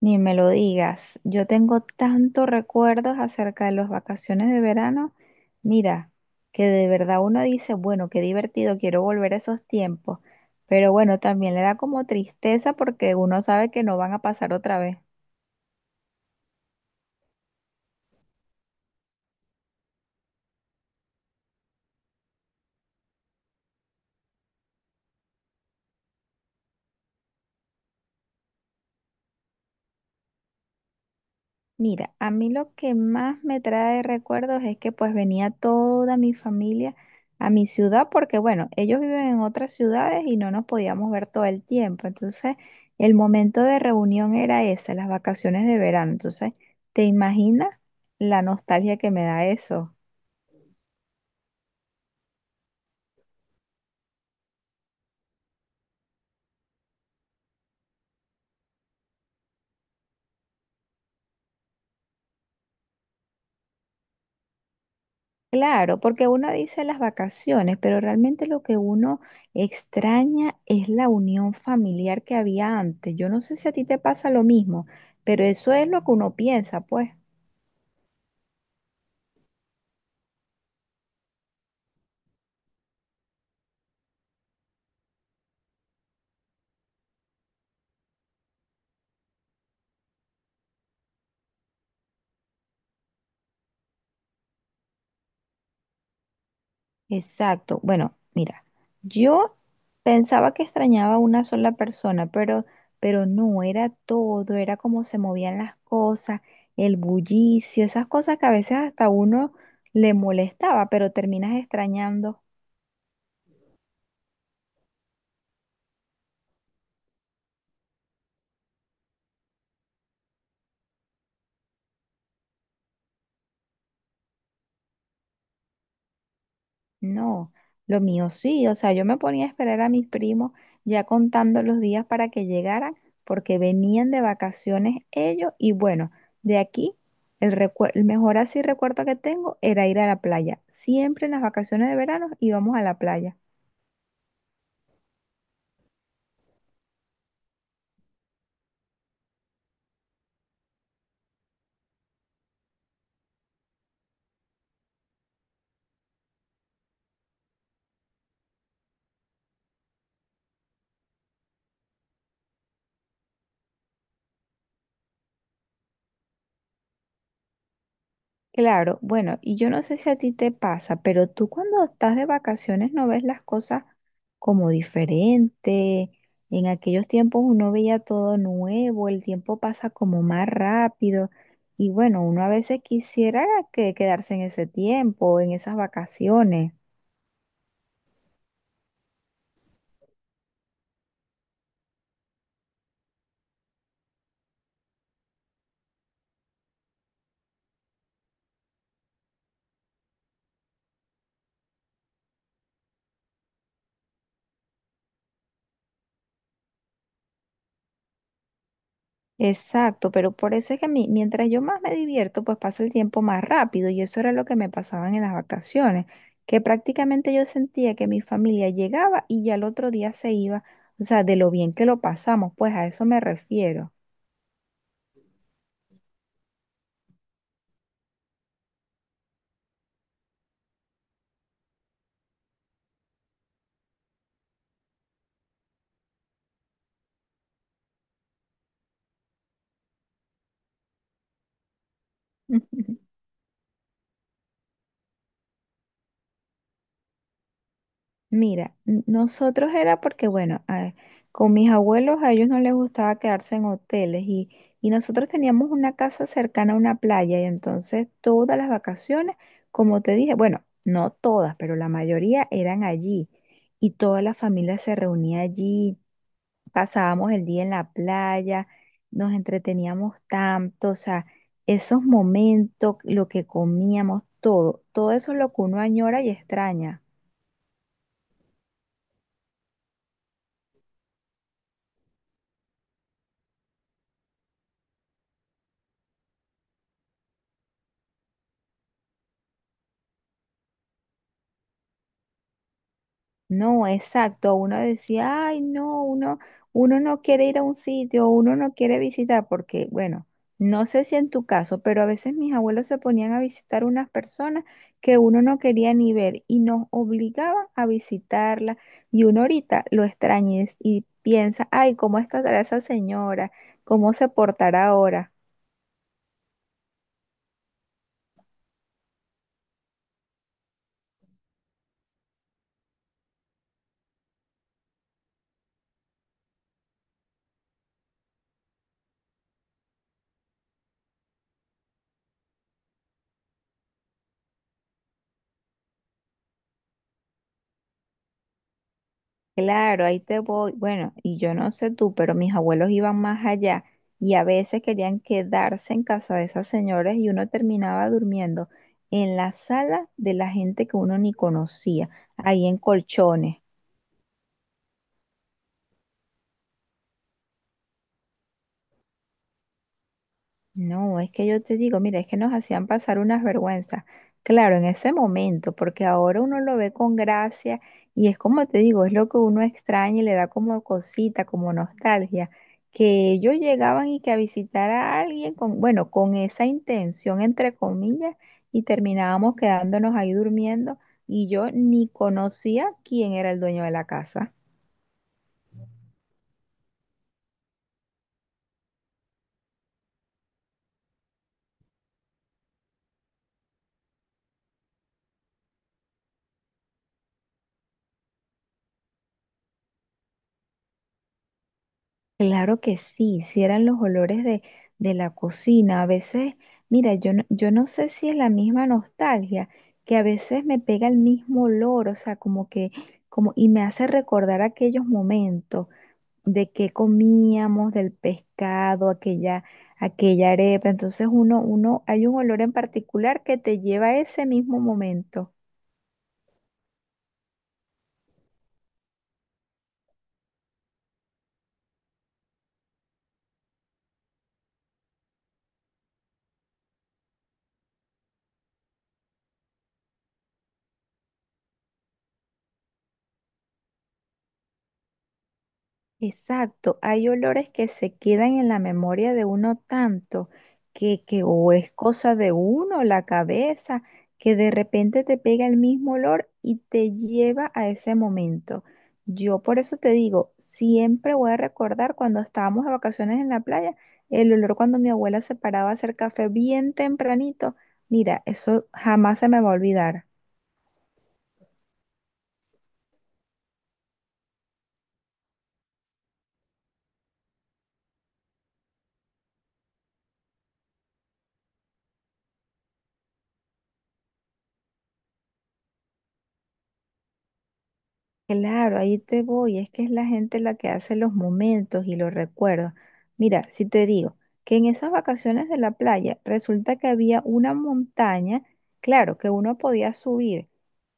Ni me lo digas. Yo tengo tantos recuerdos acerca de las vacaciones de verano. Mira, que de verdad uno dice, bueno, qué divertido, quiero volver a esos tiempos. Pero bueno, también le da como tristeza porque uno sabe que no van a pasar otra vez. Mira, a mí lo que más me trae recuerdos es que pues venía toda mi familia a mi ciudad porque bueno, ellos viven en otras ciudades y no nos podíamos ver todo el tiempo. Entonces, el momento de reunión era ese, las vacaciones de verano. Entonces, ¿te imaginas la nostalgia que me da eso? Claro, porque uno dice las vacaciones, pero realmente lo que uno extraña es la unión familiar que había antes. Yo no sé si a ti te pasa lo mismo, pero eso es lo que uno piensa, pues. Exacto. Bueno, mira, yo pensaba que extrañaba a una sola persona, pero no, era todo, era cómo se movían las cosas, el bullicio, esas cosas que a veces hasta uno le molestaba, pero terminas extrañando. No, lo mío sí, o sea, yo me ponía a esperar a mis primos ya contando los días para que llegaran, porque venían de vacaciones ellos y bueno, de aquí el mejor así recuerdo que tengo era ir a la playa. Siempre en las vacaciones de verano íbamos a la playa. Claro, bueno, y yo no sé si a ti te pasa, pero tú cuando estás de vacaciones no ves las cosas como diferente. En aquellos tiempos uno veía todo nuevo, el tiempo pasa como más rápido y bueno, uno a veces quisiera que quedarse en ese tiempo, en esas vacaciones. Exacto, pero por eso es que mientras yo más me divierto, pues pasa el tiempo más rápido y eso era lo que me pasaba en las vacaciones, que prácticamente yo sentía que mi familia llegaba y ya el otro día se iba, o sea, de lo bien que lo pasamos, pues a eso me refiero. Mira, nosotros era porque, bueno, con mis abuelos a ellos no les gustaba quedarse en hoteles y nosotros teníamos una casa cercana a una playa y entonces todas las vacaciones, como te dije, bueno, no todas, pero la mayoría eran allí y toda la familia se reunía allí, pasábamos el día en la playa, nos entreteníamos tanto, o sea, esos momentos, lo que comíamos, todo, todo eso es lo que uno añora y extraña. No, exacto. Uno decía, ay, no, uno no quiere ir a un sitio, uno no quiere visitar, porque, bueno, no sé si en tu caso, pero a veces mis abuelos se ponían a visitar unas personas que uno no quería ni ver y nos obligaban a visitarla. Y uno ahorita lo extraña y piensa, ay, ¿cómo estará esa señora? ¿Cómo se portará ahora? Claro, ahí te voy. Bueno, y yo no sé tú, pero mis abuelos iban más allá y a veces querían quedarse en casa de esas señoras y uno terminaba durmiendo en la sala de la gente que uno ni conocía, ahí en colchones. No, es que yo te digo, mira, es que nos hacían pasar unas vergüenzas. Claro, en ese momento, porque ahora uno lo ve con gracia y es como te digo, es lo que uno extraña y le da como cosita, como nostalgia, que ellos llegaban y que a visitar a alguien con, bueno, con esa intención, entre comillas, y terminábamos quedándonos ahí durmiendo y yo ni conocía quién era el dueño de la casa. Claro que sí, si eran los olores de la cocina. A veces, mira, yo no sé si es la misma nostalgia, que a veces me pega el mismo olor, o sea, como que, como, y me hace recordar aquellos momentos de que comíamos, del pescado, aquella, aquella arepa. Entonces uno, hay un olor en particular que te lleva a ese mismo momento. Exacto, hay olores que se quedan en la memoria de uno tanto que o es cosa de uno, la cabeza, que de repente te pega el mismo olor y te lleva a ese momento. Yo por eso te digo, siempre voy a recordar cuando estábamos de vacaciones en la playa, el olor cuando mi abuela se paraba a hacer café bien tempranito. Mira, eso jamás se me va a olvidar. Claro, ahí te voy. Es que es la gente la que hace los momentos y los recuerdos. Mira, si te digo que en esas vacaciones de la playa resulta que había una montaña, claro, que uno podía subir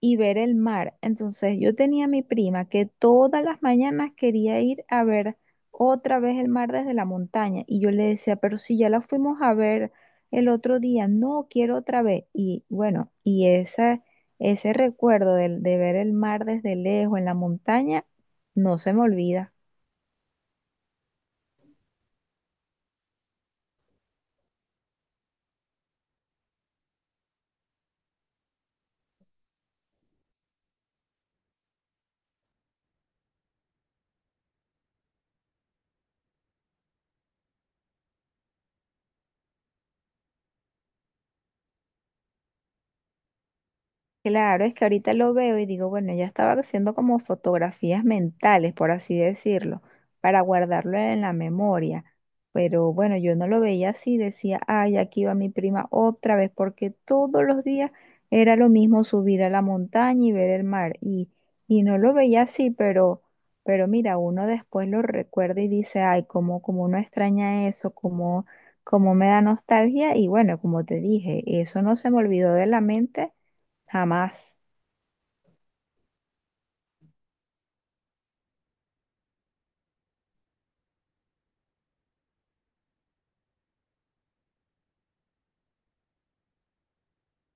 y ver el mar. Entonces yo tenía a mi prima que todas las mañanas quería ir a ver otra vez el mar desde la montaña. Y yo le decía, pero si ya la fuimos a ver el otro día, no quiero otra vez. Y bueno, y esa ese recuerdo de ver el mar desde lejos en la montaña no se me olvida. Claro, es que ahorita lo veo y digo, bueno, ella estaba haciendo como fotografías mentales, por así decirlo, para guardarlo en la memoria. Pero bueno, yo no lo veía así, decía, ay, aquí va mi prima otra vez, porque todos los días era lo mismo subir a la montaña y ver el mar. Y no lo veía así, pero mira, uno después lo recuerda y dice, ay, cómo, cómo uno extraña eso, cómo, cómo me da nostalgia. Y bueno, como te dije, eso no se me olvidó de la mente jamás.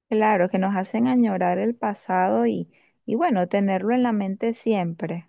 Claro, que nos hacen añorar el pasado y bueno, tenerlo en la mente siempre.